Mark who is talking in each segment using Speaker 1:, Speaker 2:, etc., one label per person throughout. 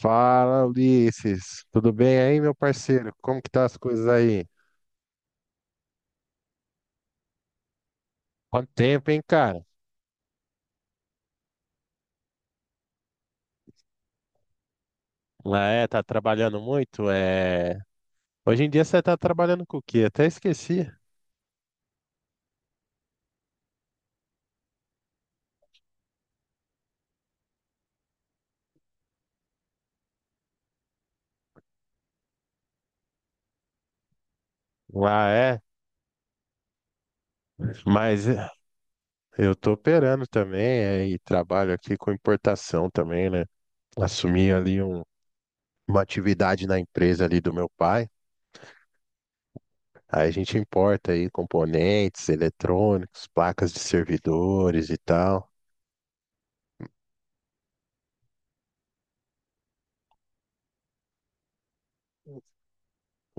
Speaker 1: Fala, Ulisses. Tudo bem aí, meu parceiro? Como que tá as coisas aí? Quanto tempo, hein, cara? Ah, é, tá trabalhando muito? Hoje em dia você tá trabalhando com o quê? Até esqueci. Ah, é? Mas é, eu tô operando também, é, e trabalho aqui com importação também, né? Assumi ali um- uma atividade na empresa ali do meu pai. Aí a gente importa aí componentes eletrônicos, placas de servidores e tal.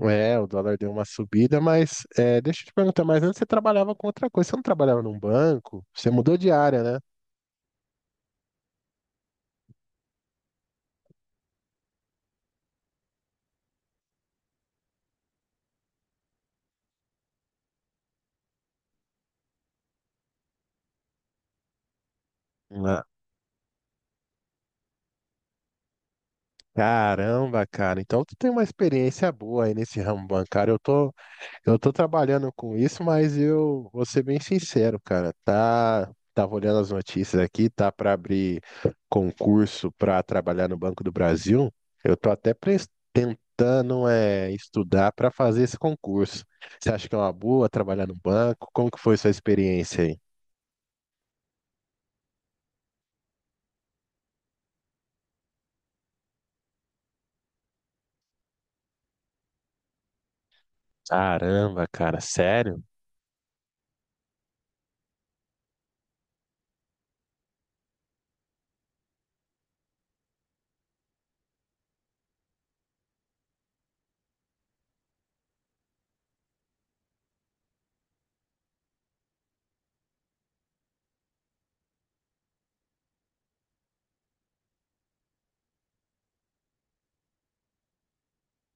Speaker 1: É, o dólar deu uma subida, mas é, deixa eu te perguntar, mas antes você trabalhava com outra coisa, você não trabalhava num banco? Você mudou de área, né? Ah, caramba, cara, então tu tem uma experiência boa aí nesse ramo bancário. Eu tô trabalhando com isso, mas eu vou ser bem sincero, cara. Tá, tava olhando as notícias aqui, tá para abrir concurso para trabalhar no Banco do Brasil. Eu tô até tentando é, estudar para fazer esse concurso. Você acha que é uma boa trabalhar no banco? Como que foi sua experiência aí? Caramba, cara, sério?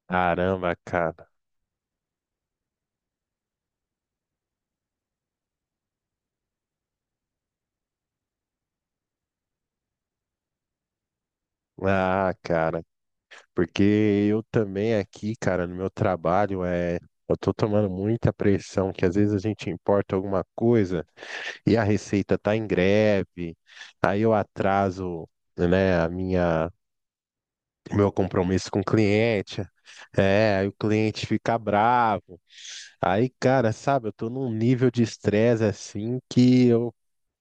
Speaker 1: Caramba, cara. Ah, cara. Porque eu também aqui, cara, no meu trabalho, é, eu tô tomando muita pressão, que às vezes a gente importa alguma coisa e a receita tá em greve, aí eu atraso, né, a minha, o meu compromisso com o cliente, é, aí o cliente fica bravo. Aí, cara, sabe, eu tô num nível de estresse assim que eu,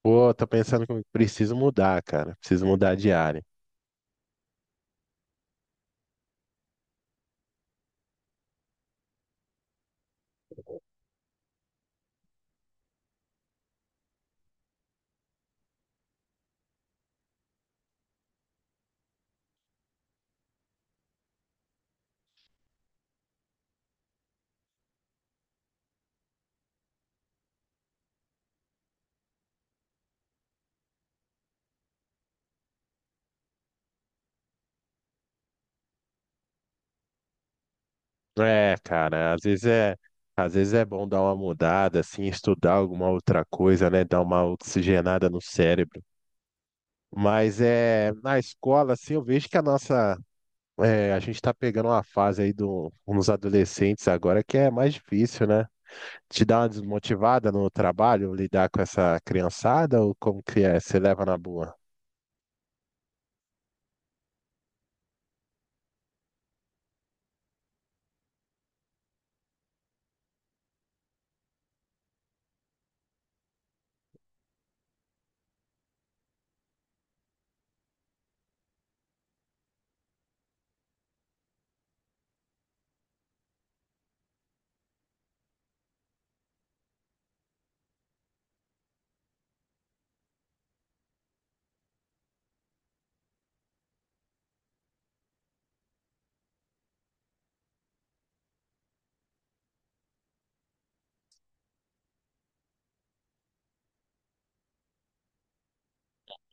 Speaker 1: pô, tô pensando que eu preciso mudar, cara, preciso mudar de área. É, cara, às vezes é bom dar uma mudada, assim, estudar alguma outra coisa, né? Dar uma oxigenada no cérebro. Na escola, assim, eu vejo que a nossa, é, a gente tá pegando uma fase aí do, uns adolescentes agora que é mais difícil, né? Te dá uma desmotivada no trabalho, lidar com essa criançada, ou como que é? Você leva na boa?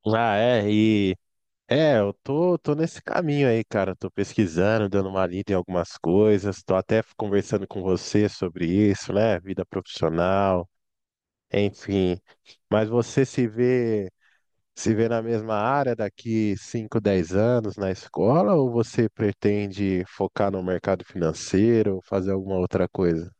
Speaker 1: Ah, é, e É, tô nesse caminho aí, cara. Tô pesquisando, dando uma lida em algumas coisas. Tô até conversando com você sobre isso, né? Vida profissional, enfim. Mas você se vê, se vê na mesma área daqui 5, 10 anos na escola ou você pretende focar no mercado financeiro, fazer alguma outra coisa?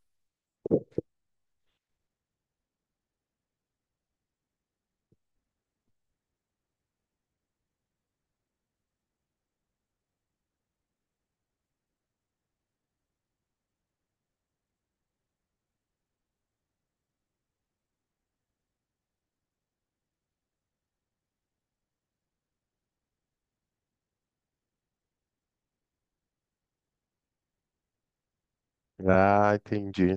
Speaker 1: Ah, entendi.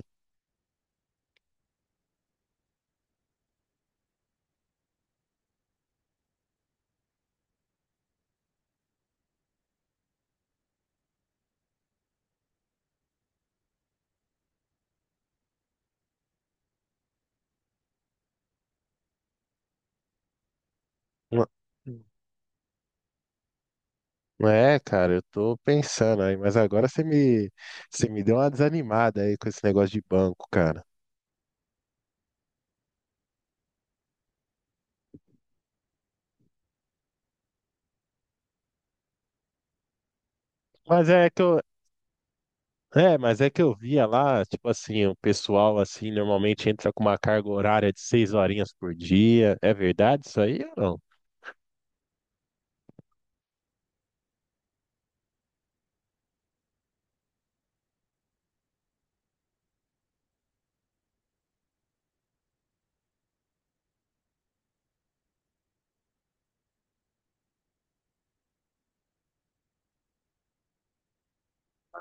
Speaker 1: Não. É, cara, eu tô pensando aí, mas agora você me deu uma desanimada aí com esse negócio de banco, cara. Mas é que eu, mas é que eu via lá, tipo assim, o pessoal assim normalmente entra com uma carga horária de seis horinhas por dia. É verdade isso aí ou não?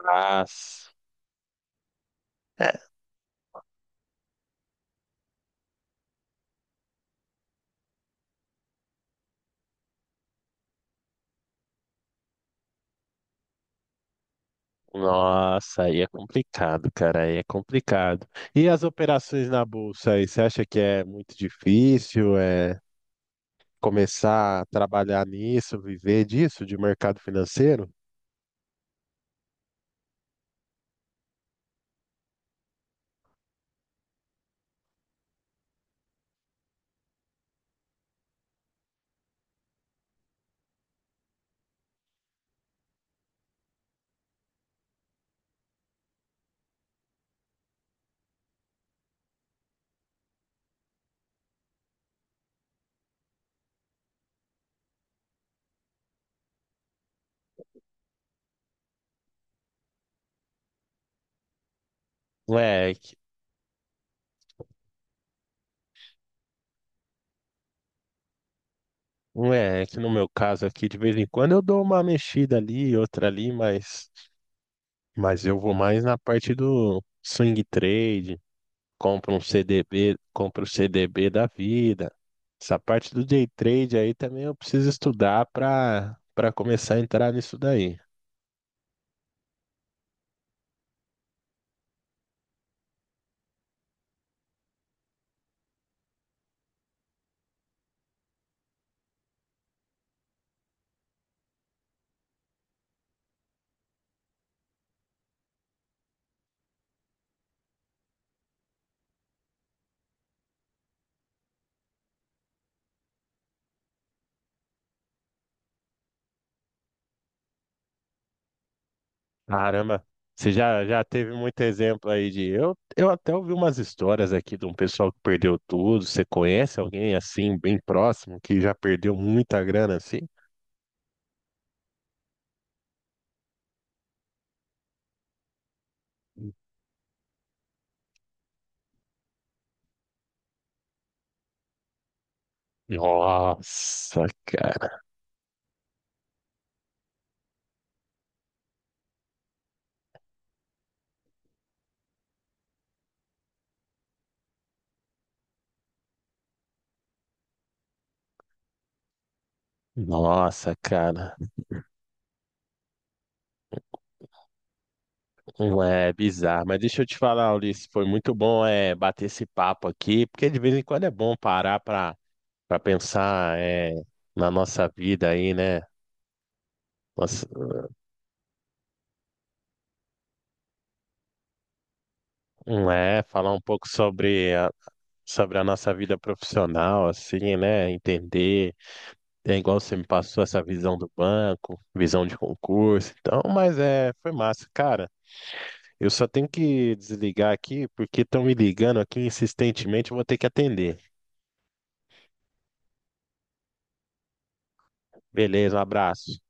Speaker 1: Nossa, é. Nossa, aí é complicado, cara, aí é complicado. E as operações na bolsa aí, você acha que é muito difícil, é começar a trabalhar nisso, viver disso, de mercado financeiro? Não é, não é que no meu caso aqui, de vez em quando eu dou uma mexida ali, outra ali, mas eu vou mais na parte do swing trade, compro um CDB, compro o CDB da vida. Essa parte do day trade aí também eu preciso estudar para começar a entrar nisso daí. Caramba, você já teve muito exemplo aí de eu até ouvi umas histórias aqui de um pessoal que perdeu tudo. Você conhece alguém assim bem próximo que já perdeu muita grana assim? Nossa, cara. Nossa, cara. Um. É bizarro, mas deixa eu te falar, Ulisses, foi muito bom é, bater esse papo aqui, porque de vez em quando é bom parar para pensar é, na nossa vida aí, né? Nossa, é, falar um pouco sobre a nossa vida profissional, assim, né? Entender, é igual você me passou essa visão do banco, visão de concurso, então, mas é, foi massa, cara. Eu só tenho que desligar aqui, porque estão me ligando aqui insistentemente, eu vou ter que atender. Beleza, um abraço.